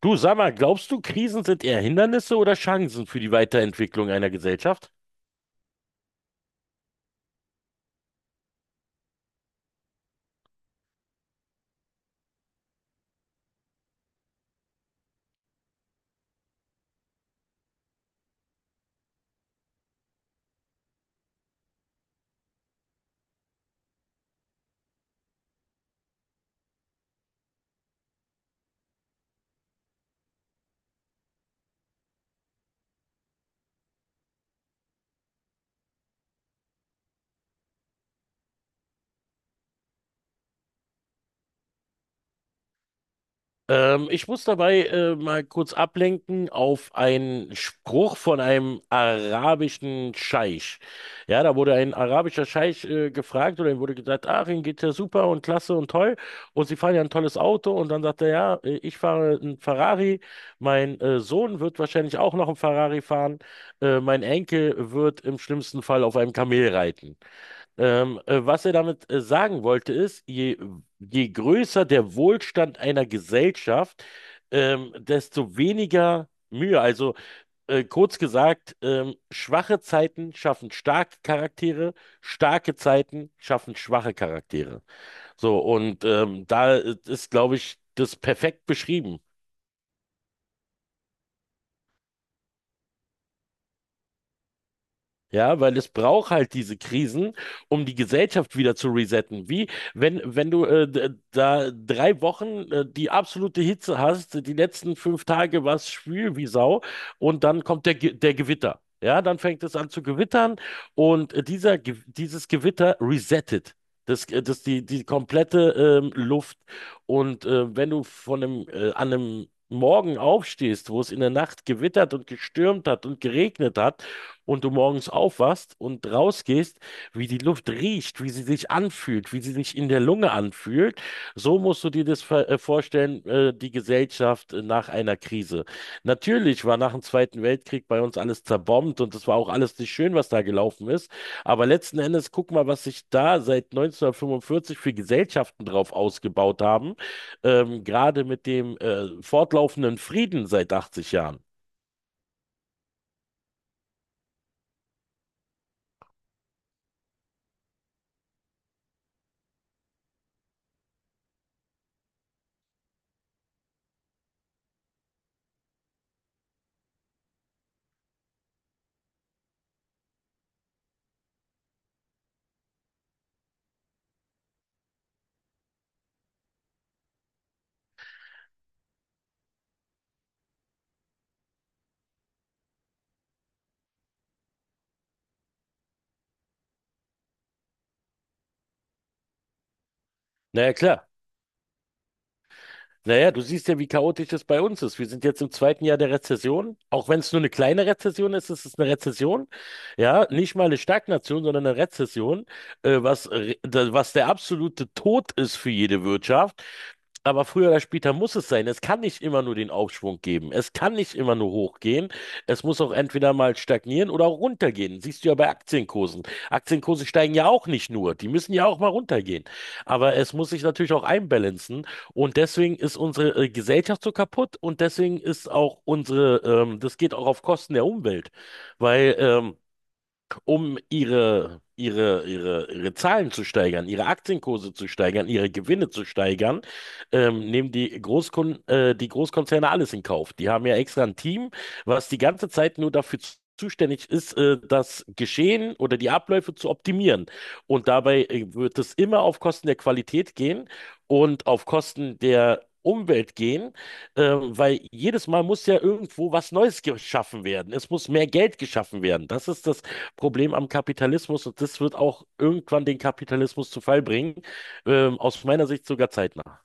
Du, sag mal, glaubst du, Krisen sind eher Hindernisse oder Chancen für die Weiterentwicklung einer Gesellschaft? Ich muss dabei mal kurz ablenken auf einen Spruch von einem arabischen Scheich. Ja, da wurde ein arabischer Scheich gefragt oder ihm wurde gesagt, ach, Ihnen geht ja super und klasse und toll und Sie fahren ja ein tolles Auto, und dann sagt er, ja, ich fahre einen Ferrari, mein Sohn wird wahrscheinlich auch noch einen Ferrari fahren, mein Enkel wird im schlimmsten Fall auf einem Kamel reiten. Was er damit sagen wollte, ist, je größer der Wohlstand einer Gesellschaft, desto weniger Mühe. Also kurz gesagt, schwache Zeiten schaffen starke Charaktere, starke Zeiten schaffen schwache Charaktere. So, und da ist, glaube ich, das perfekt beschrieben. Ja, weil es braucht halt diese Krisen, um die Gesellschaft wieder zu resetten. Wie wenn du da 3 Wochen die absolute Hitze hast, die letzten 5 Tage war es schwül wie Sau und dann kommt der Gewitter. Ja, dann fängt es an zu gewittern und dieses Gewitter resettet. Das die komplette Luft. Und wenn du an einem Morgen aufstehst, wo es in der Nacht gewittert und gestürmt hat und geregnet hat, und du morgens aufwachst und rausgehst, wie die Luft riecht, wie sie sich anfühlt, wie sie sich in der Lunge anfühlt, so musst du dir das vorstellen, die Gesellschaft nach einer Krise. Natürlich war nach dem Zweiten Weltkrieg bei uns alles zerbombt und es war auch alles nicht schön, was da gelaufen ist, aber letzten Endes guck mal, was sich da seit 1945 für Gesellschaften drauf ausgebaut haben, gerade mit dem fortlaufenden Frieden seit 80 Jahren. Na ja, klar. Naja, du siehst ja, wie chaotisch es bei uns ist. Wir sind jetzt im zweiten Jahr der Rezession. Auch wenn es nur eine kleine Rezession ist, ist es eine Rezession. Ja, nicht mal eine Stagnation, sondern eine Rezession, was der absolute Tod ist für jede Wirtschaft. Aber früher oder später muss es sein. Es kann nicht immer nur den Aufschwung geben. Es kann nicht immer nur hochgehen. Es muss auch entweder mal stagnieren oder auch runtergehen. Siehst du ja bei Aktienkursen. Aktienkurse steigen ja auch nicht nur. Die müssen ja auch mal runtergehen. Aber es muss sich natürlich auch einbalancen. Und deswegen ist unsere Gesellschaft so kaputt, und deswegen ist auch das geht auch auf Kosten der Umwelt, weil um ihre Zahlen zu steigern, ihre Aktienkurse zu steigern, ihre Gewinne zu steigern, nehmen die Großkonzerne alles in Kauf. Die haben ja extra ein Team, was die ganze Zeit nur dafür zuständig ist, das Geschehen oder die Abläufe zu optimieren. Und dabei wird es immer auf Kosten der Qualität gehen und auf Kosten der Umwelt gehen, weil jedes Mal muss ja irgendwo was Neues geschaffen werden. Es muss mehr Geld geschaffen werden. Das ist das Problem am Kapitalismus, und das wird auch irgendwann den Kapitalismus zu Fall bringen. Aus meiner Sicht sogar zeitnah.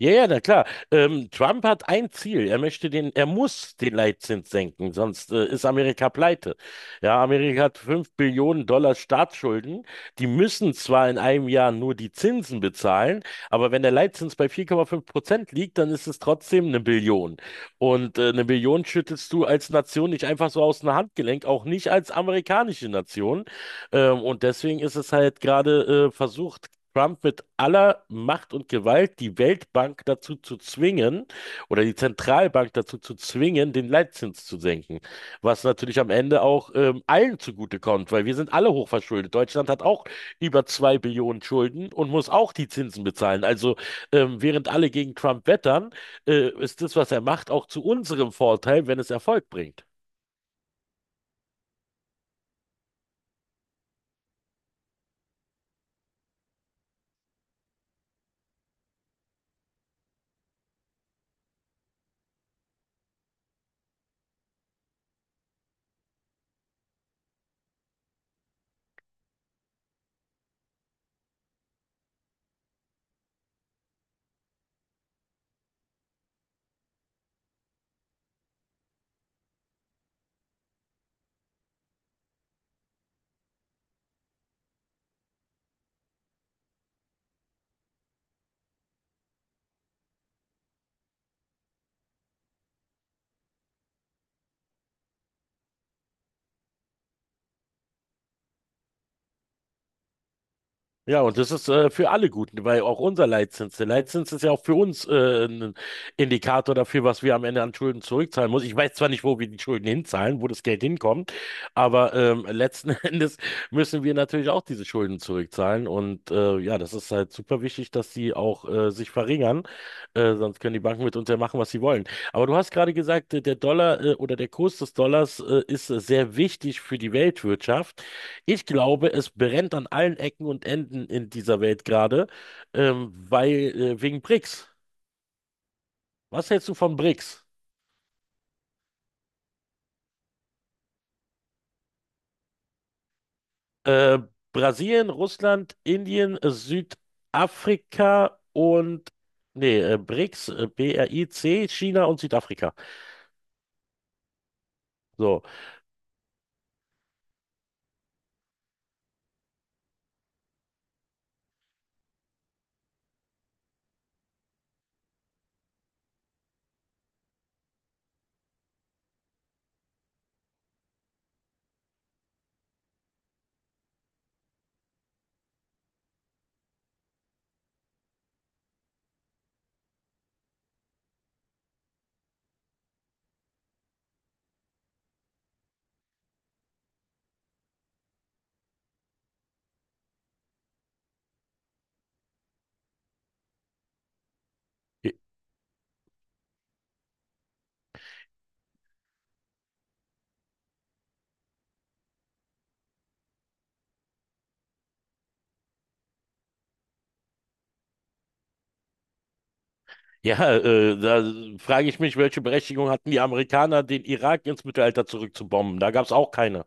Ja, ja, na klar. Trump hat ein Ziel. Er muss den Leitzins senken, sonst ist Amerika pleite. Ja, Amerika hat 5 Billionen Dollar Staatsschulden. Die müssen zwar in einem Jahr nur die Zinsen bezahlen, aber wenn der Leitzins bei 4,5% liegt, dann ist es trotzdem eine Billion. Und eine Billion schüttelst du als Nation nicht einfach so aus dem Handgelenk, auch nicht als amerikanische Nation. Und deswegen ist es halt gerade versucht, Trump mit aller Macht und Gewalt die Weltbank dazu zu zwingen oder die Zentralbank dazu zu zwingen, den Leitzins zu senken. Was natürlich am Ende auch allen zugutekommt, weil wir sind alle hochverschuldet. Deutschland hat auch über 2 Billionen Schulden und muss auch die Zinsen bezahlen. Also während alle gegen Trump wettern, ist das, was er macht, auch zu unserem Vorteil, wenn es Erfolg bringt. Ja, und das ist für alle gut, weil auch der Leitzins ist ja auch für uns ein Indikator dafür, was wir am Ende an Schulden zurückzahlen müssen. Ich weiß zwar nicht, wo wir die Schulden hinzahlen, wo das Geld hinkommt, aber letzten Endes müssen wir natürlich auch diese Schulden zurückzahlen. Und ja, das ist halt super wichtig, dass die auch sich verringern, sonst können die Banken mit uns ja machen, was sie wollen. Aber du hast gerade gesagt, der Dollar oder der Kurs des Dollars ist sehr wichtig für die Weltwirtschaft. Ich glaube, es brennt an allen Ecken und Enden in dieser Welt gerade, weil wegen BRICS. Was hältst du von BRICS? Äh, Brasilien, Russland, Indien, Südafrika und nee, BRICS, BRIC, China und Südafrika. So. Ja, da frage ich mich, welche Berechtigung hatten die Amerikaner, den Irak ins Mittelalter zurückzubomben? Da gab es auch keine.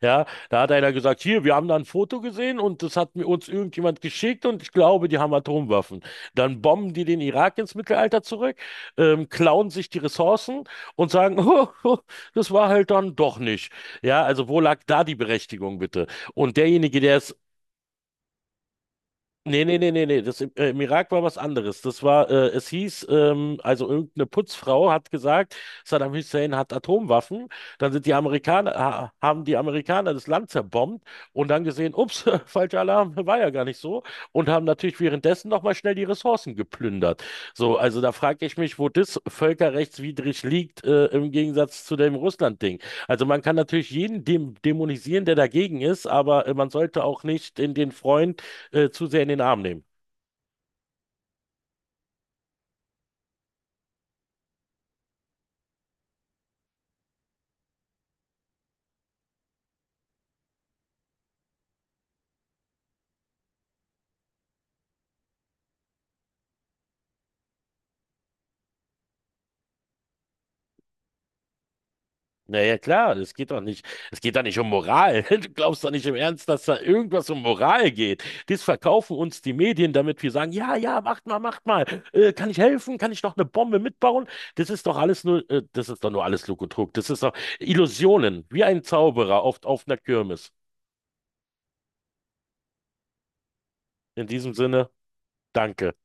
Ja, da hat einer gesagt, hier, wir haben da ein Foto gesehen und das hat mir uns irgendjemand geschickt und ich glaube, die haben Atomwaffen. Dann bomben die den Irak ins Mittelalter zurück, klauen sich die Ressourcen und sagen, oh, oh, das war halt dann doch nicht. Ja, also wo lag da die Berechtigung bitte? Und derjenige, der es — nee, nee, nee, nee, nee. Das im Irak war was anderes. Es hieß, also irgendeine Putzfrau hat gesagt, Saddam Hussein hat Atomwaffen. Dann sind die Amerikaner, ha, haben die Amerikaner das Land zerbombt und dann gesehen, ups, falscher Alarm, war ja gar nicht so. Und haben natürlich währenddessen nochmal schnell die Ressourcen geplündert. So, also da frage ich mich, wo das völkerrechtswidrig liegt, im Gegensatz zu dem Russland-Ding. Also man kann natürlich jeden dem dämonisieren, der dagegen ist, aber man sollte auch nicht in den Freund zu sehr in den Arm nehmen. Naja, klar, es geht doch nicht um Moral. Du glaubst doch nicht im Ernst, dass da irgendwas um Moral geht. Das verkaufen uns die Medien, damit wir sagen, ja, ja, macht mal, macht mal. Kann ich helfen? Kann ich noch eine Bombe mitbauen? Das ist doch nur alles Lug und Trug. Das ist doch Illusionen, wie ein Zauberer oft auf einer Kirmes. In diesem Sinne, danke.